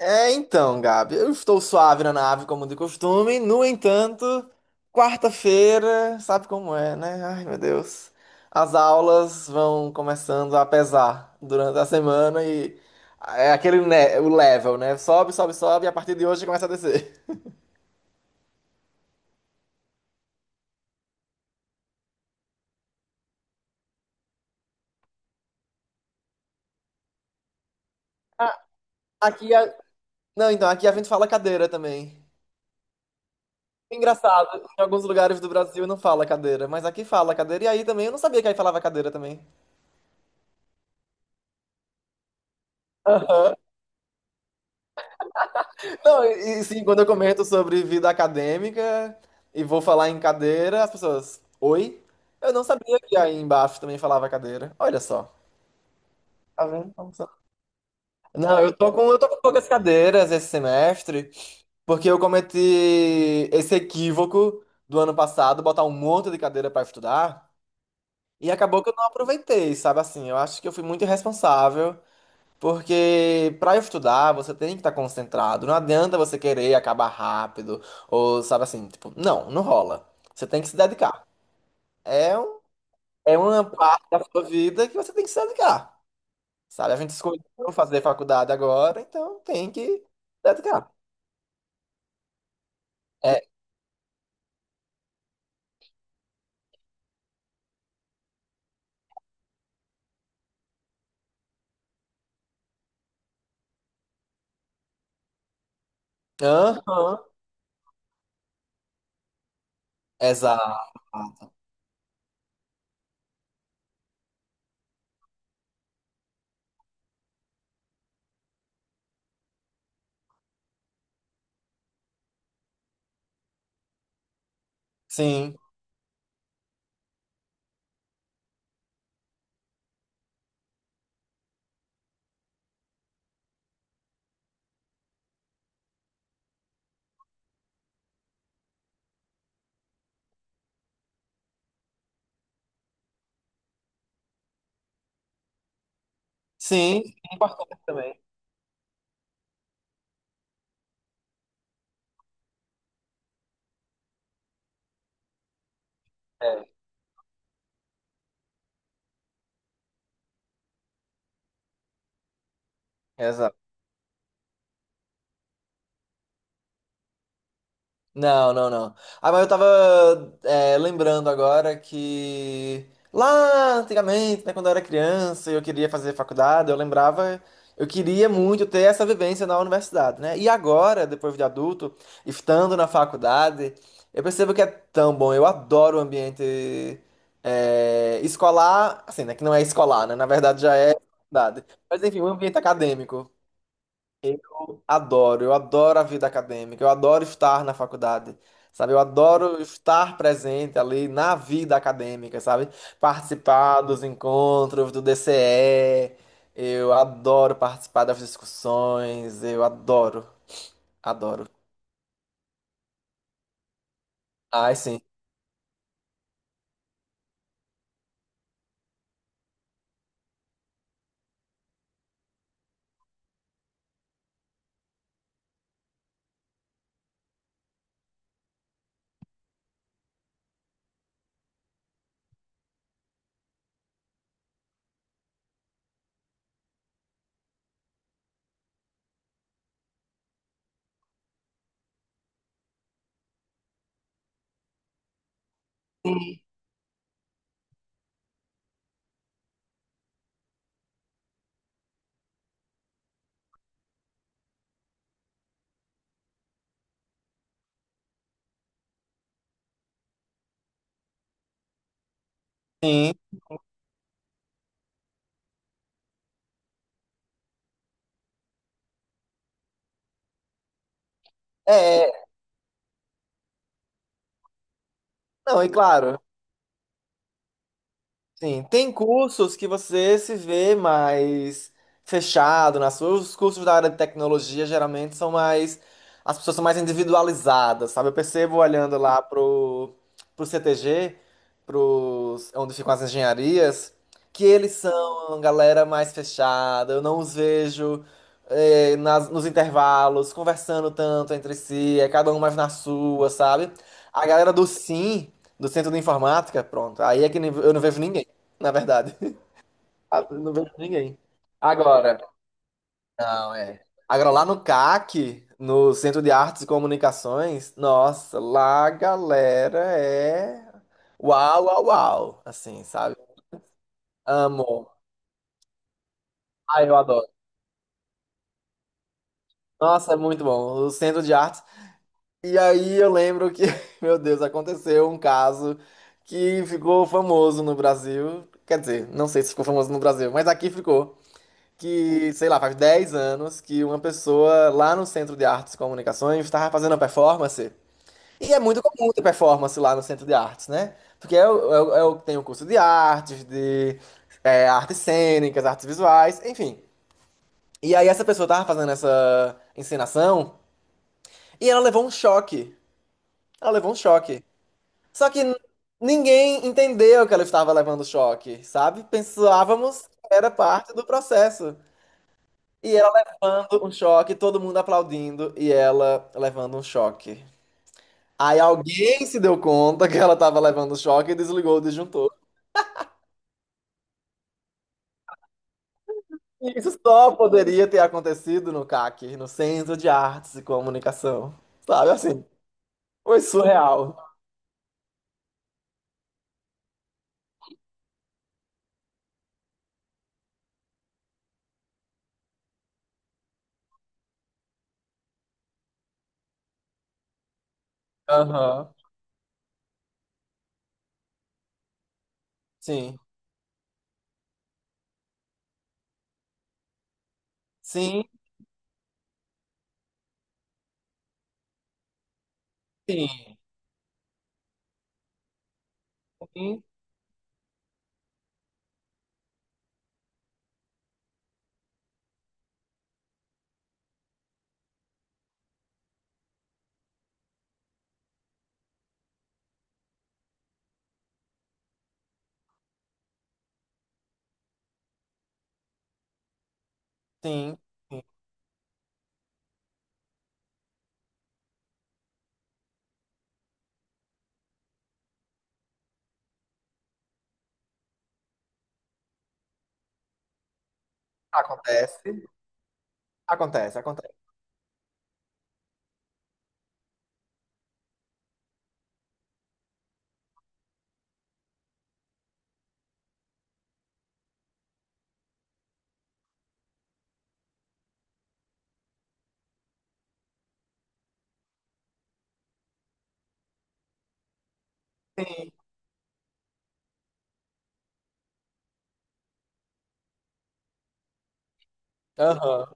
É, então, Gabi, eu estou suave na nave, como de costume. No entanto, quarta-feira, sabe como é, né? Ai, meu Deus. As aulas vão começando a pesar durante a semana e é aquele, né, o level, né? Sobe, sobe, sobe e a partir de hoje começa a descer. Ah, Aqui a... Não, então, aqui a gente fala cadeira também. Engraçado, em alguns lugares do Brasil não fala cadeira, mas aqui fala cadeira. E aí também, eu não sabia que aí falava cadeira também. Aham. Não, sim, quando eu comento sobre vida acadêmica e vou falar em cadeira, as pessoas, oi? Eu não sabia que aí embaixo também falava cadeira. Olha só. Tá vendo? Como são? Não, eu tô com poucas cadeiras esse semestre, porque eu cometi esse equívoco do ano passado, botar um monte de cadeira pra estudar, e acabou que eu não aproveitei, sabe assim? Eu acho que eu fui muito irresponsável. Porque para estudar, você tem que estar concentrado. Não adianta você querer acabar rápido, ou sabe assim, tipo, não, não rola. Você tem que se dedicar. É, é uma parte da sua vida que você tem que se dedicar. Sabe? A gente escolheu fazer faculdade agora, então tem que se dedicar. É, aham, exato. Sim, sim. Também. É, exato. Não, não, não. Ah, mas eu tava lembrando agora que lá antigamente, né, quando eu era criança e eu queria fazer faculdade, eu lembrava, eu queria muito ter essa vivência na universidade, né? E agora, depois de adulto, estando na faculdade, eu percebo que é tão bom. Eu adoro o ambiente escolar, assim, né? Que não é escolar, né? Na verdade já é faculdade. Mas enfim, o ambiente acadêmico. Adoro, eu adoro a vida acadêmica, eu adoro estar na faculdade, sabe? Eu adoro estar presente ali na vida acadêmica, sabe? Participar dos encontros do DCE, eu adoro participar das discussões, eu adoro, adoro. Ai, sim. Sim, é, não, e claro, sim, tem cursos que você se vê mais fechado nas suas. Os cursos da área de tecnologia geralmente são mais. As pessoas são mais individualizadas, sabe? Eu percebo olhando lá pro CTG, pros, é onde ficam as engenharias, que eles são uma galera mais fechada. Eu não os vejo nos intervalos conversando tanto entre si, é cada um mais na sua, sabe? A galera do, sim, do Centro de Informática, pronto, aí é que eu não vejo ninguém na verdade. Ah, não vejo ninguém. Agora, não, é. Agora, lá no CAC, no Centro de Artes e Comunicações, nossa, lá a galera é uau, uau, uau, assim, sabe? Amo. Ai, eu adoro. Nossa, é muito bom. O Centro de Artes. E aí eu lembro que, meu Deus, aconteceu um caso que ficou famoso no Brasil. Quer dizer, não sei se ficou famoso no Brasil, mas aqui ficou. Que, sei lá, faz 10 anos que uma pessoa lá no Centro de Artes e Comunicações estava fazendo uma performance. E é muito comum ter performance lá no Centro de Artes, né? Porque é curso de artes, de artes cênicas, artes visuais, enfim. E aí essa pessoa estava fazendo essa encenação e ela levou um choque. Ela levou um choque. Só que ninguém entendeu que ela estava levando choque, sabe? Pensávamos que era parte do processo. E ela levando um choque, todo mundo aplaudindo e ela levando um choque. Aí alguém se deu conta que ela estava levando choque e desligou o disjuntor. Isso só poderia ter acontecido no CAC, no Centro de Artes e Comunicação. Sabe assim? Foi surreal. Aham. Sim. Sim, sim. Sim, sim. Sim. Acontece. Acontece, acontece. Sim. Aham.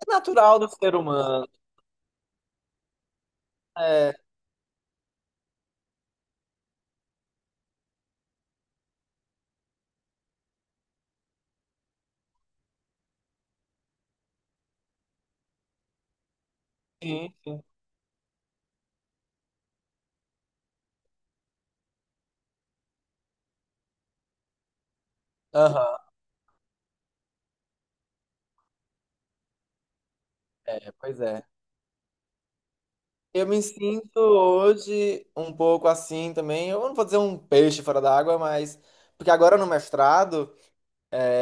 É natural do ser humano. É. Sim, sim. Aham. É, pois é. Eu me sinto hoje um pouco assim também. Eu não vou dizer um peixe fora d'água, mas. Porque agora no mestrado,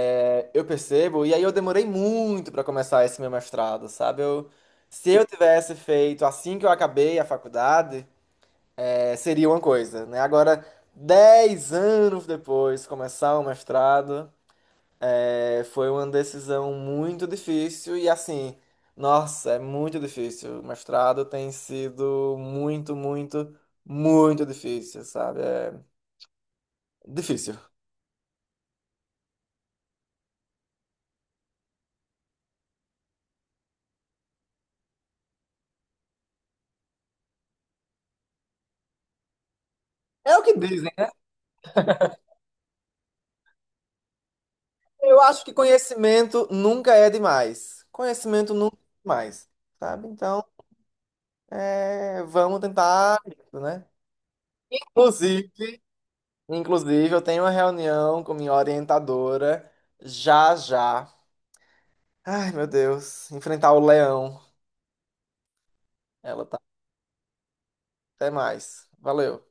eu percebo, e aí eu demorei muito para começar esse meu mestrado, sabe? Se eu tivesse feito assim que eu acabei a faculdade, seria uma coisa, né? Agora, 10 anos depois, começar o mestrado. É, foi uma decisão muito difícil e assim, nossa, é muito difícil. O mestrado tem sido muito, muito, muito difícil, sabe? É difícil. É o que dizem, né? Eu acho que conhecimento nunca é demais. Conhecimento nunca é demais, sabe? Então, vamos tentar, isso, né? Inclusive, inclusive, eu tenho uma reunião com minha orientadora já já. Ai, meu Deus, enfrentar o leão. Ela tá Até mais. Valeu.